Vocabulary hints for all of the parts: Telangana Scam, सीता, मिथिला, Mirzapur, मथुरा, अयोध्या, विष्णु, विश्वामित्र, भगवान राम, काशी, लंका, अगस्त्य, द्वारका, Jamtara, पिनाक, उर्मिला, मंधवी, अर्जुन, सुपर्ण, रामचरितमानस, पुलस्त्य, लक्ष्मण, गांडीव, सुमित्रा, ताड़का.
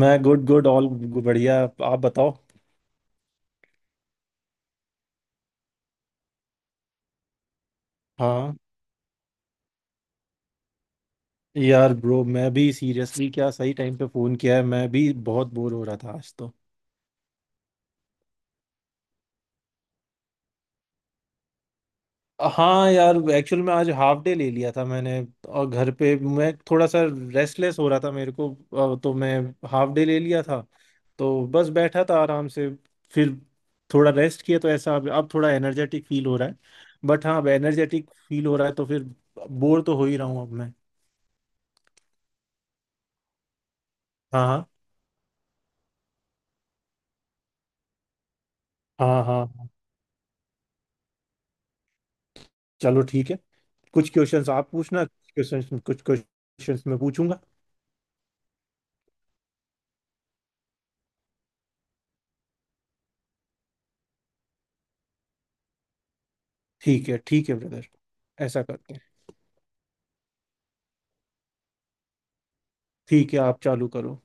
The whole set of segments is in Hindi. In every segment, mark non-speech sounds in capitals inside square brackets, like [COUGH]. मैं गुड गुड ऑल। बढ़िया। आप बताओ। हाँ यार ब्रो, मैं भी सीरियसली क्या सही टाइम पे फोन किया है। मैं भी बहुत बोर हो रहा था आज तो। हाँ यार, एक्चुअल में आज हाफ डे ले लिया था मैंने। और घर पे मैं थोड़ा सा रेस्टलेस हो रहा था मेरे को। तो मैं हाफ डे ले लिया था। तो बस बैठा था आराम से। फिर थोड़ा रेस्ट किया तो ऐसा अब थोड़ा एनर्जेटिक फील हो रहा है। बट हाँ, अब एनर्जेटिक फील हो रहा है तो फिर बोर तो हो ही रहा हूँ अब मैं। हाँ हाँ, हाँ हाँ। चलो ठीक है। कुछ क्वेश्चंस आप पूछना, कुछ क्वेश्चंस मैं पूछूंगा। ठीक है ब्रदर। ऐसा करते हैं। ठीक है, आप चालू करो।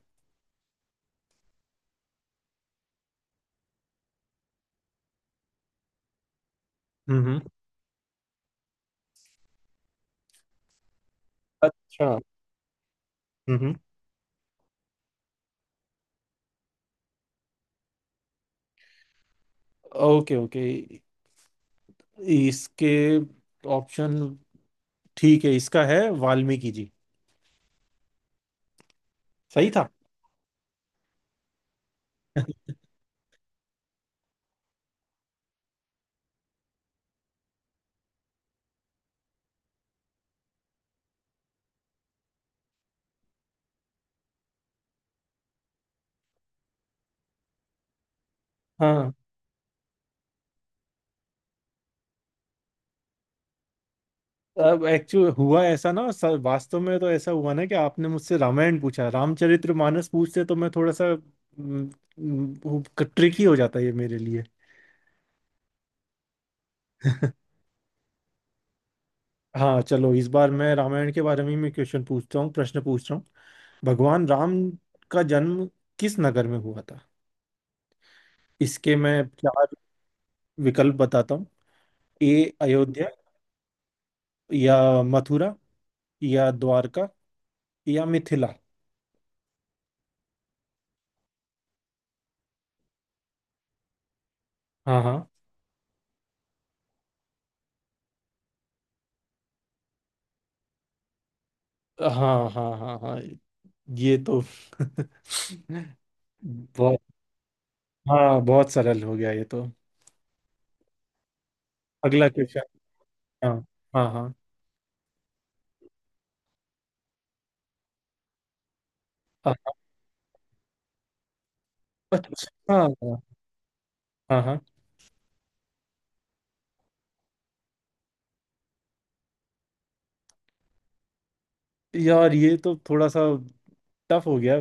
हम्म। अच्छा। हम्म। Okay okay. इसके ऑप्शन। ठीक है, इसका है वाल्मीकि जी। सही था। हाँ अब एक्चुअल हुआ ऐसा ना सर, वास्तव में तो ऐसा हुआ ना कि आपने मुझसे रामायण पूछा, रामचरितमानस पूछते तो मैं थोड़ा सा ट्रिकी हो जाता ये मेरे लिए। हाँ चलो, इस बार मैं रामायण के बारे में ही क्वेश्चन पूछता हूँ, प्रश्न पूछ रहा हूँ। भगवान राम का जन्म किस नगर में हुआ था? इसके मैं चार विकल्प बताता हूँ। ए अयोध्या, या मथुरा, या द्वारका, या मिथिला। हाँ हाँ, हाँ हाँ। हाँ हाँ, ये तो [LAUGHS] बहुत। हाँ बहुत सरल हो गया ये तो। अगला क्वेश्चन। हाँ हाँ, हाँ हाँ। अच्छा हाँ, हाँ हाँ। यार ये तो थोड़ा सा टफ हो गया।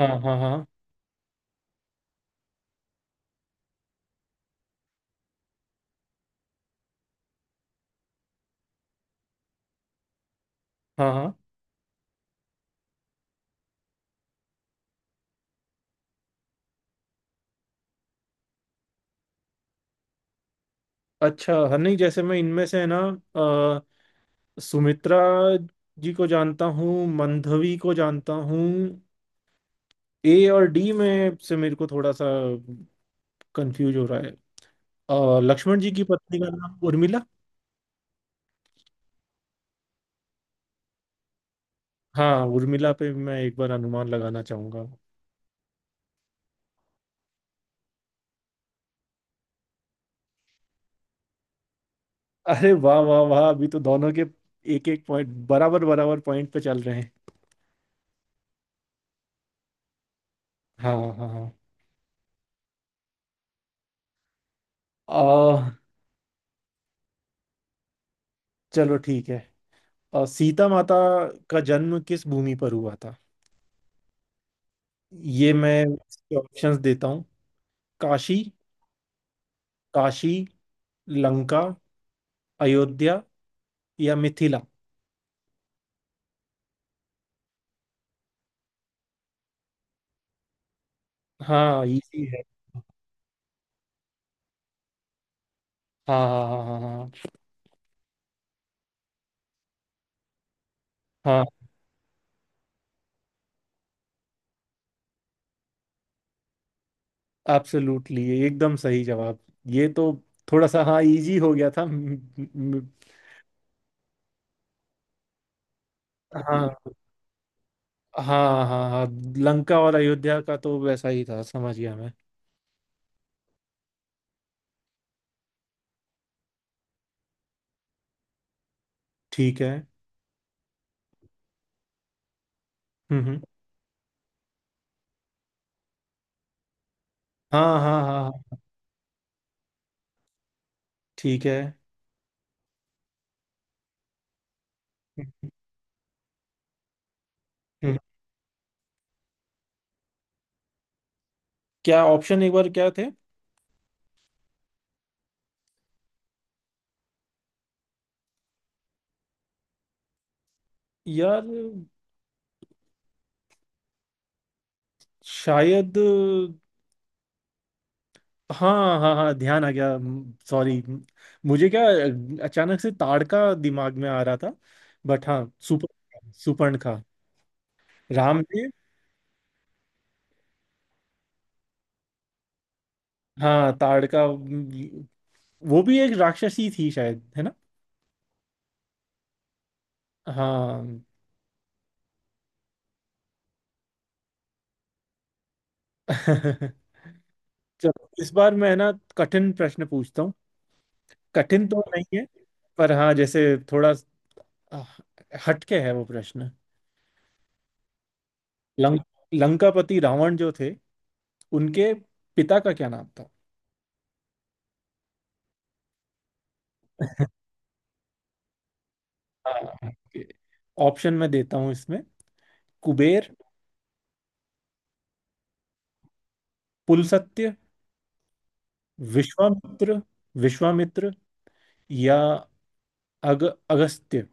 हाँ हाँ हाँ हाँ, हाँ। अच्छा हाँ, नहीं जैसे मैं इनमें से है ना। अ, सुमित्रा जी को जानता हूँ, मंधवी को जानता हूँ। ए और डी में से मेरे को थोड़ा सा कंफ्यूज हो रहा है। लक्ष्मण जी की पत्नी का नाम उर्मिला। हाँ, उर्मिला पे मैं एक बार अनुमान लगाना चाहूंगा। अरे वाह वाह वाह, अभी तो दोनों के एक एक पॉइंट, बराबर बराबर पॉइंट पे चल रहे हैं। हाँ हाँ हाँ। अ, चलो ठीक है। सीता माता का जन्म किस भूमि पर हुआ था? ये मैं इसके ऑप्शंस देता हूँ। काशी, काशी, लंका, अयोध्या, या मिथिला। हाँ इजी है। हाँ हाँ, हाँ हाँ। हाँ हाँ, एब्सोल्युटली एकदम सही जवाब। ये तो थोड़ा सा, हाँ इजी हो गया था म- हाँ हाँ, हाँ हाँ। लंका और अयोध्या का तो वैसा ही था, समझ गया मैं। ठीक है। हम्म। हाँ हाँ, हाँ हाँ। ठीक है। हम्म, हम्म। क्या ऑप्शन एक बार क्या थे? यार शायद। हाँ हाँ हाँ, ध्यान आ गया। सॉरी। मुझे क्या अचानक से ताड़का दिमाग में आ रहा था। बट हाँ, सुपर्ण सुपर्ण का। राम ने। हाँ ताड़का वो भी एक राक्षसी थी शायद, है ना। हाँ। [LAUGHS] चलो इस बार मैं ना कठिन प्रश्न पूछता हूँ। कठिन तो नहीं है, पर हाँ जैसे थोड़ा आ, हटके है वो प्रश्न। लंक लंकापति रावण जो थे, उनके पिता का क्या नाम था? हाँ ऑप्शन मैं देता हूँ इसमें। कुबेर, पुलसत्य, विश्वामित्र विश्वामित्र, या अग अगस्त्य।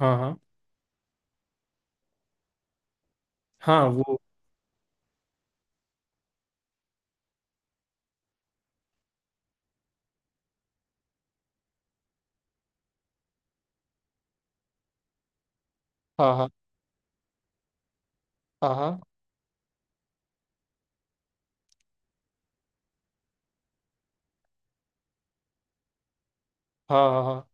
हाँ हाँ हाँ। वो। हाँ हाँ हाँ, हाँ हाँ हाँ।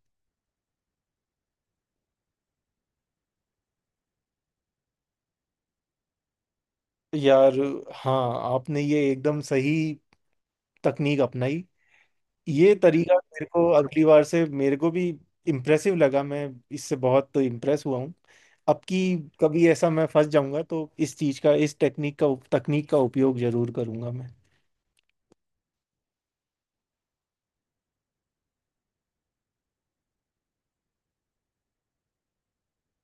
यार हाँ, आपने ये एकदम सही तकनीक अपनाई। ये तरीका मेरे को अगली बार से मेरे को भी इम्प्रेसिव लगा। मैं इससे बहुत इम्प्रेस हुआ हूँ। अब की कभी ऐसा मैं फंस जाऊंगा तो इस चीज का, इस टेक्निक का, तकनीक का उपयोग जरूर करूंगा मैं।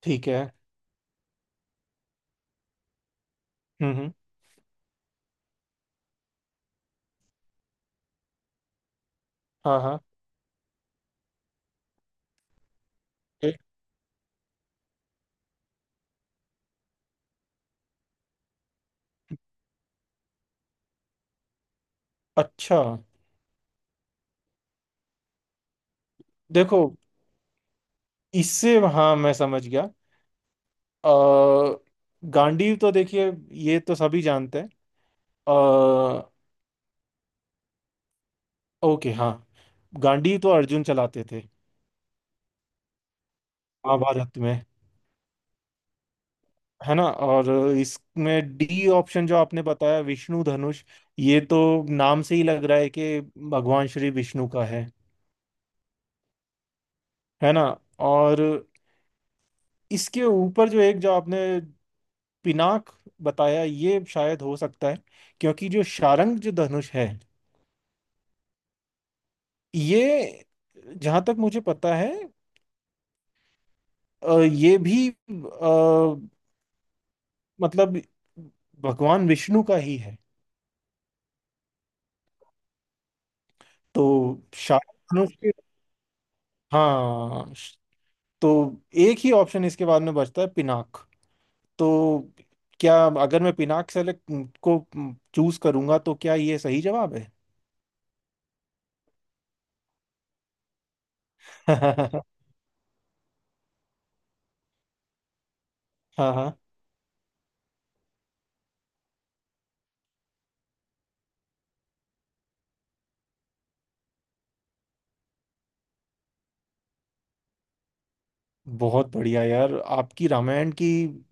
ठीक है। हम्म हम्म, हाँ हाँ। ए- अच्छा देखो, इससे हाँ मैं समझ गया। अ, गांडीव तो देखिए, ये तो सभी जानते हैं। अ, ओके हाँ, गांडीव तो अर्जुन चलाते थे महाभारत में, है ना। और इसमें डी ऑप्शन जो आपने बताया, विष्णु धनुष, ये तो नाम से ही लग रहा है कि भगवान श्री विष्णु का है ना। और इसके ऊपर जो एक जो आपने पिनाक बताया, ये शायद हो सकता है। क्योंकि जो शारंग जो धनुष है, ये जहां तक मुझे पता है ये भी, मतलब भगवान विष्णु का ही है। तो शारंग धनुष के। हाँ, तो एक ही ऑप्शन इसके बाद में बचता है, पिनाक। तो क्या अगर मैं पिनाक सेलेक्ट को चूज करूंगा तो क्या ये सही जवाब है? [LAUGHS] हाँ हाँ, बहुत बढ़िया यार। आपकी रामायण की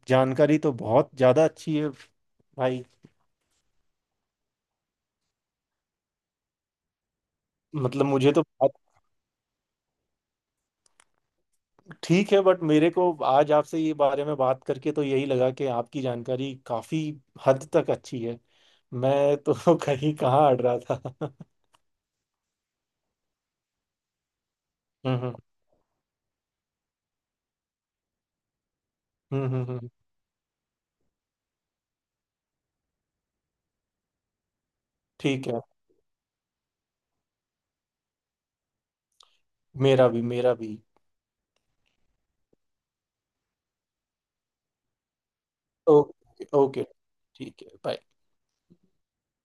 जानकारी तो बहुत ज्यादा अच्छी है भाई। मतलब मुझे तो बात ठीक है, बट मेरे को आज आपसे ये बारे में बात करके तो यही लगा कि आपकी जानकारी काफी हद तक अच्छी है। मैं तो [LAUGHS] कहीं कहाँ अड़ रहा था। [LAUGHS] हम्म हम्म हम्म हम्म हम्म, ठीक है। मेरा भी, मेरा भी। Okay okay. ठीक है, बाय।